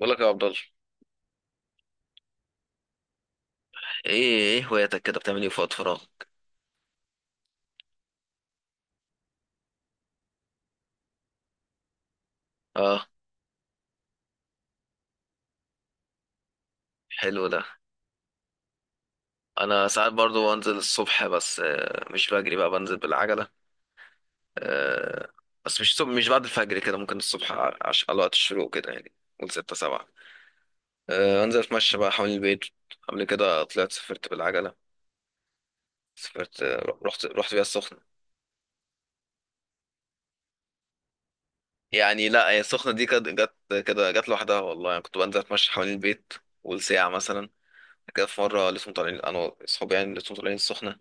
بقول لك يا عبد الله. ايه هواياتك كده بتعمل ايه في وقت فراغ؟ اه، حلو ده. انا ساعات برضو بنزل الصبح بس مش بجري بقى، بنزل بالعجله. آه، بس مش الصبح، مش بعد الفجر كده، ممكن الصبح على وقت الشروق كده يعني. قول 6 7. انزل اتمشى بقى حوالين البيت. قبل كده طلعت سافرت بالعجله. سافرت رحت بيها السخنه. يعني لا، هي السخنه دي كانت جت كده، جت لوحدها والله. يعني كنت بنزل اتمشى حوالين البيت والساعه مثلا كده، في مره لسه طالعين انا واصحابي، يعني لسه طالعين السخنه،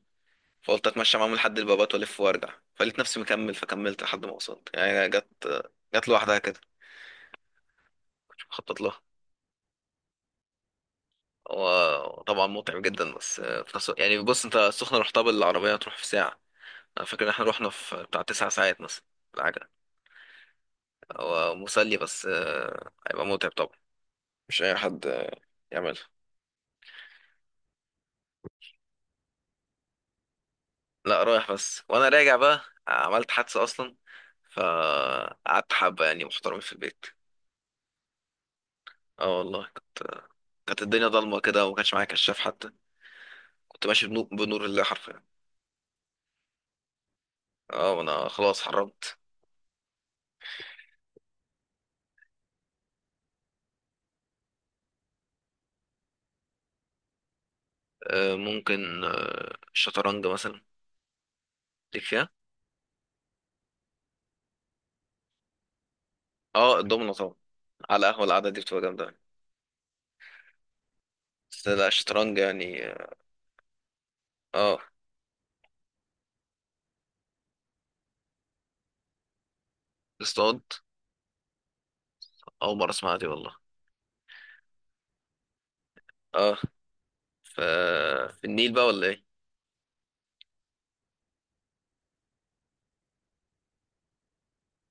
فقلت اتمشى معاهم لحد البابات والف وارجع، فلقيت نفسي مكمل، فكملت لحد ما وصلت. يعني جت، جت لوحدها كده، كنت مخطط لها. هو طبعا متعب جدا بس في نفس الوقت- يعني بص انت، السخنة رحتها بالعربية تروح في ساعة، انا فاكر ان احنا رحنا في بتاع 9 ساعات مثلا العجلة هو مسلي بس هيبقى متعب طبعا. مش اي حد يعملها. لا رايح بس، وانا راجع بقى عملت حادثة اصلا، فقعدت حبة يعني محترمين في البيت. اه والله، كانت الدنيا ضلمة كده وما كانش معايا كشاف حتى، كنت ماشي بنور الله حرفيا. اه انا خلاص حرمت. ممكن الشطرنج مثلا، ليك فيها؟ اه، الدومنة طبعا على القهوة، القعدة دي بتبقى جامدة يعني. بس لا، الشطرنج يعني اه. آه، اصطاد؟ أول مرة أسمعها دي والله. اه، ف في النيل بقى ولا إيه؟ إن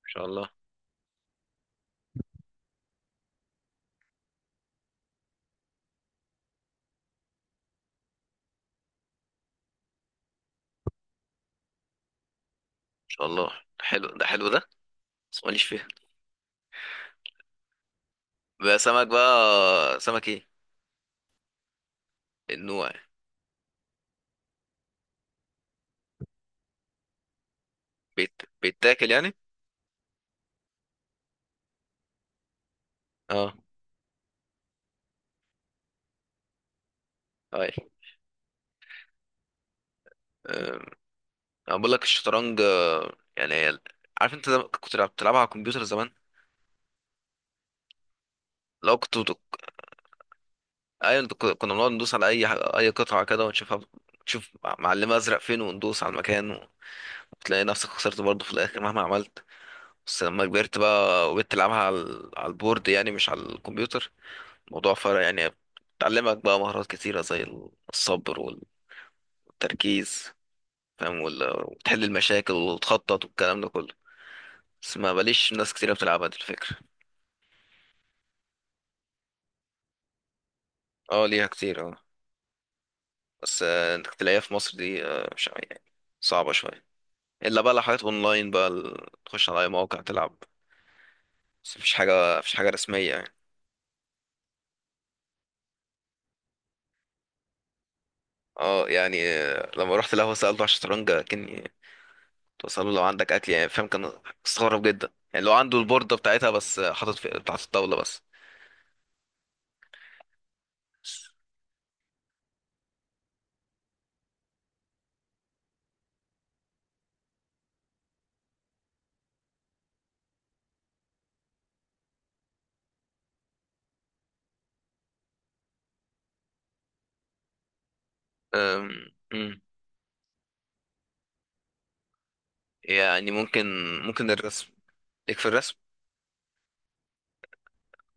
شاء الله. إن شاء الله. حلو ده حلو ده، بس ماليش فيها. بقى سمك، بقى سمك إيه؟ النوع يعني. بيت... بيتاكل يعني؟ اه، أي. آه، انا بقول لك الشطرنج يعني هي- عارف انت بتلعبها على الكمبيوتر زمان؟ لو كنت بت- ايوه، انت كنا بنقعد ندوس على اي قطعه كده ونشوفها، نشوف معلمه ازرق فين، وندوس على المكان و- وتلاقي نفسك خسرت برضه في الاخر مهما عملت. بس لما كبرت بقى وبقيت تلعبها على على البورد يعني مش على الكمبيوتر، الموضوع فرق يعني، بتعلمك بقى مهارات كتيره زي الصبر والتركيز، فاهم، وتحل المشاكل وتخطط والكلام ده كله. بس ما بليش ناس كتيره بتلعبها، دي الفكره. اه ليها كتير اه، بس انت تلاقيها في مصر دي مش يعني صعبة شوية، الا بقى لو حاجات اونلاين بقى، تخش على اي موقع تلعب. بس مفيش حاجة، مفيش حاجة رسمية يعني. اه يعني لما رحت القهوة سألته على الشطرنج، كني له لو عندك اكل يعني، فاهم، كان استغرب جدا يعني، لو عنده البوردة بتاعتها، بس حاطط في بتاعت الطاولة بس. أم، أم. يعني ممكن، ممكن الرسم، ليك في الرسم؟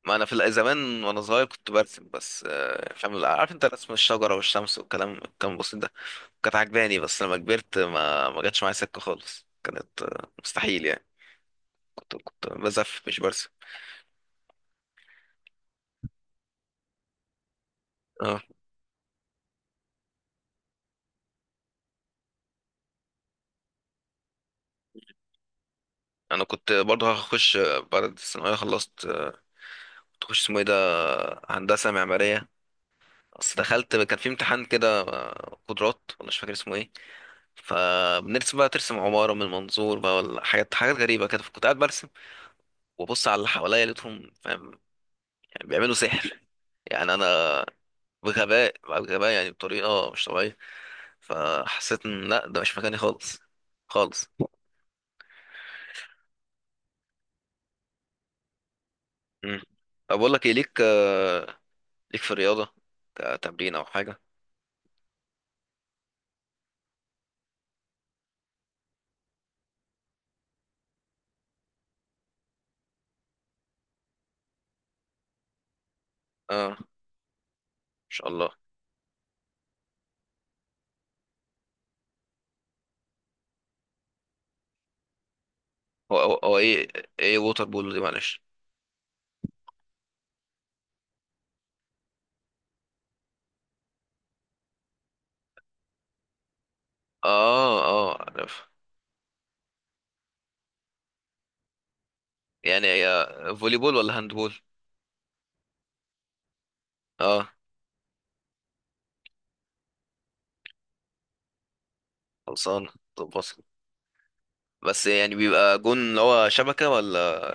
ما انا في زمان وانا صغير كنت برسم، بس فاهم، عارف انت، رسم الشجرة والشمس والكلام كان بسيط ده، كانت عجباني. بس لما كبرت ما جاتش معايا سكة خالص، كانت مستحيل يعني، كنت بزف مش برسم. اه انا كنت برضه هخش بعد الثانويه خلصت، كنت اخش اسمه ايه ده، هندسه معماريه. بس دخلت كان في امتحان كده، قدرات ولا مش فاكر اسمه ايه، فبنرسم بقى، ترسم عماره من منظور بقى ولا حاجات غريبه كده. فكنت قاعد برسم وابص على اللي حواليا، لقيتهم فاهم يعني بيعملوا سحر يعني. انا بغباء بقى، بغباء يعني، بطريقة مش طبيعية، فحسيت ان لا، ده مش مكاني خالص، خالص. مم. طب بقول لك ايه، ليك ليك في الرياضة كتمرين او حاجة؟ اه، ان شاء الله. هو ايه، ايه ووتر بول دي، معلش؟ اه اه عارف. يعني هي فولي بول ولا هاند بول؟ اه خلصان، طب وصل. بس يعني بيبقى جون اللي هو شبكة ولا؟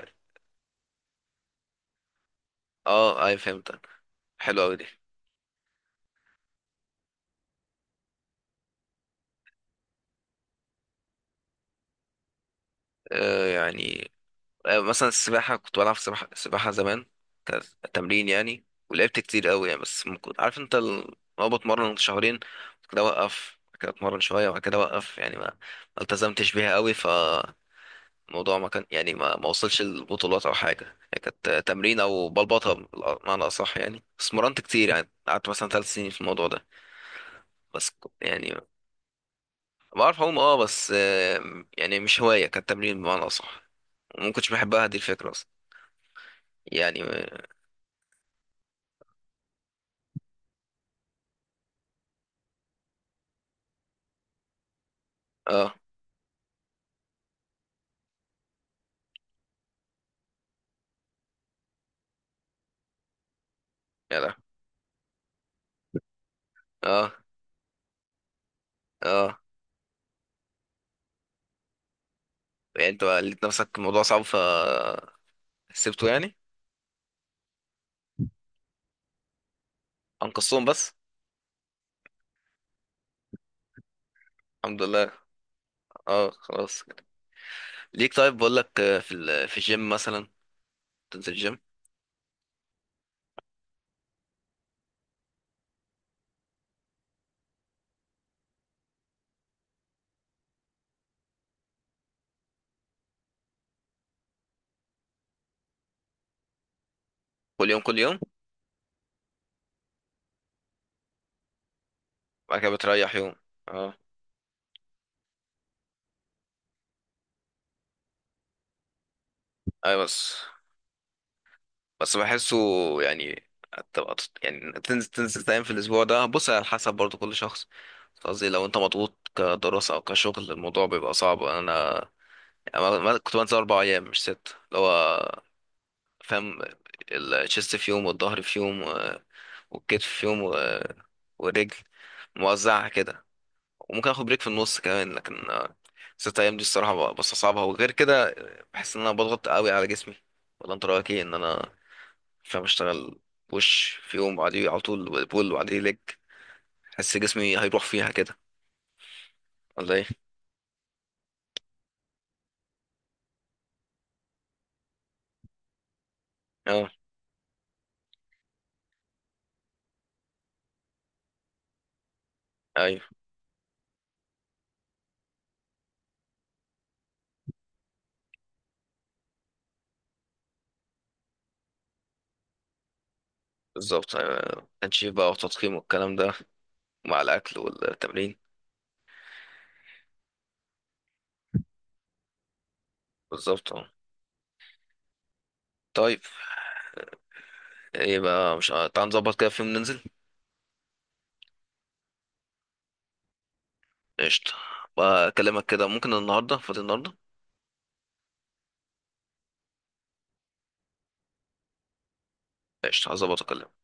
اه اي فهمتك، حلو قوي دي. يعني مثلا السباحة، كنت بلعب سباحة زمان كتمرين يعني، ولعبت كتير قوي يعني. بس ممكن عارف انت لو بتمرن شهرين بعد كده اوقف، بعد كده اتمرن شوية وبعد كده اوقف، يعني ما التزمتش بيها قوي فالموضوع ما كان يعني ما وصلش للبطولات او حاجة. يعني كانت تمرين او بلبطة بمعنى اصح يعني، بس مرنت كتير يعني، قعدت مثلا 3 سنين في الموضوع ده. بس ك- يعني بعرف اعوم اه، بس يعني مش هواية، كانت تمرين بمعنى اصح، وما كنتش بحبها دي الفكرة اصلا يعني. اه يا لا، اه اه. يعني انت بقى لقيت نفسك الموضوع صعب فسيبته يعني؟ انقذتهم بس؟ الحمد لله. اه خلاص. ليك طيب؟ بقول لك في ال... في الجيم مثلا، تنزل الجيم؟ كل يوم كل يوم؟ بعد كده بتريح يوم؟ اه. ايوه بس، بس بحسه يعني هتبقى يعني تنزل تايم في الاسبوع ده، بص على حسب برضو كل شخص، قصدي لو انت مضغوط كدراسة او كشغل الموضوع بيبقى صعب. أنا كنت بنزل 4 ايام مش 6، اللي هو فاهم، الشيست في يوم والظهر في يوم و- والكتف في يوم و- والرجل، موزعها كده. وممكن اخد بريك في النص كمان لكن 6 ايام دي الصراحه بستصعبها، وغير كده بحس ان انا بضغط قوي على جسمي. ولا انت رايك ايه، ان انا فاهم اشتغل بوش في يوم بعديه على طول بول وبعديه ليج؟ حس جسمي هيروح فيها كده ولا ايه؟ اه ايوه بالظبط، أيوة. تنشيف بقى وتضخيم والكلام ده، مع الاكل والتمرين. بالظبط اه. طيب، يبقى مش تعال نظبط كده في يوم ننزل. قشطة. بكلمك كده، ممكن النهاردة، فاضي النهاردة؟ قشطة، هظبط اكلمك.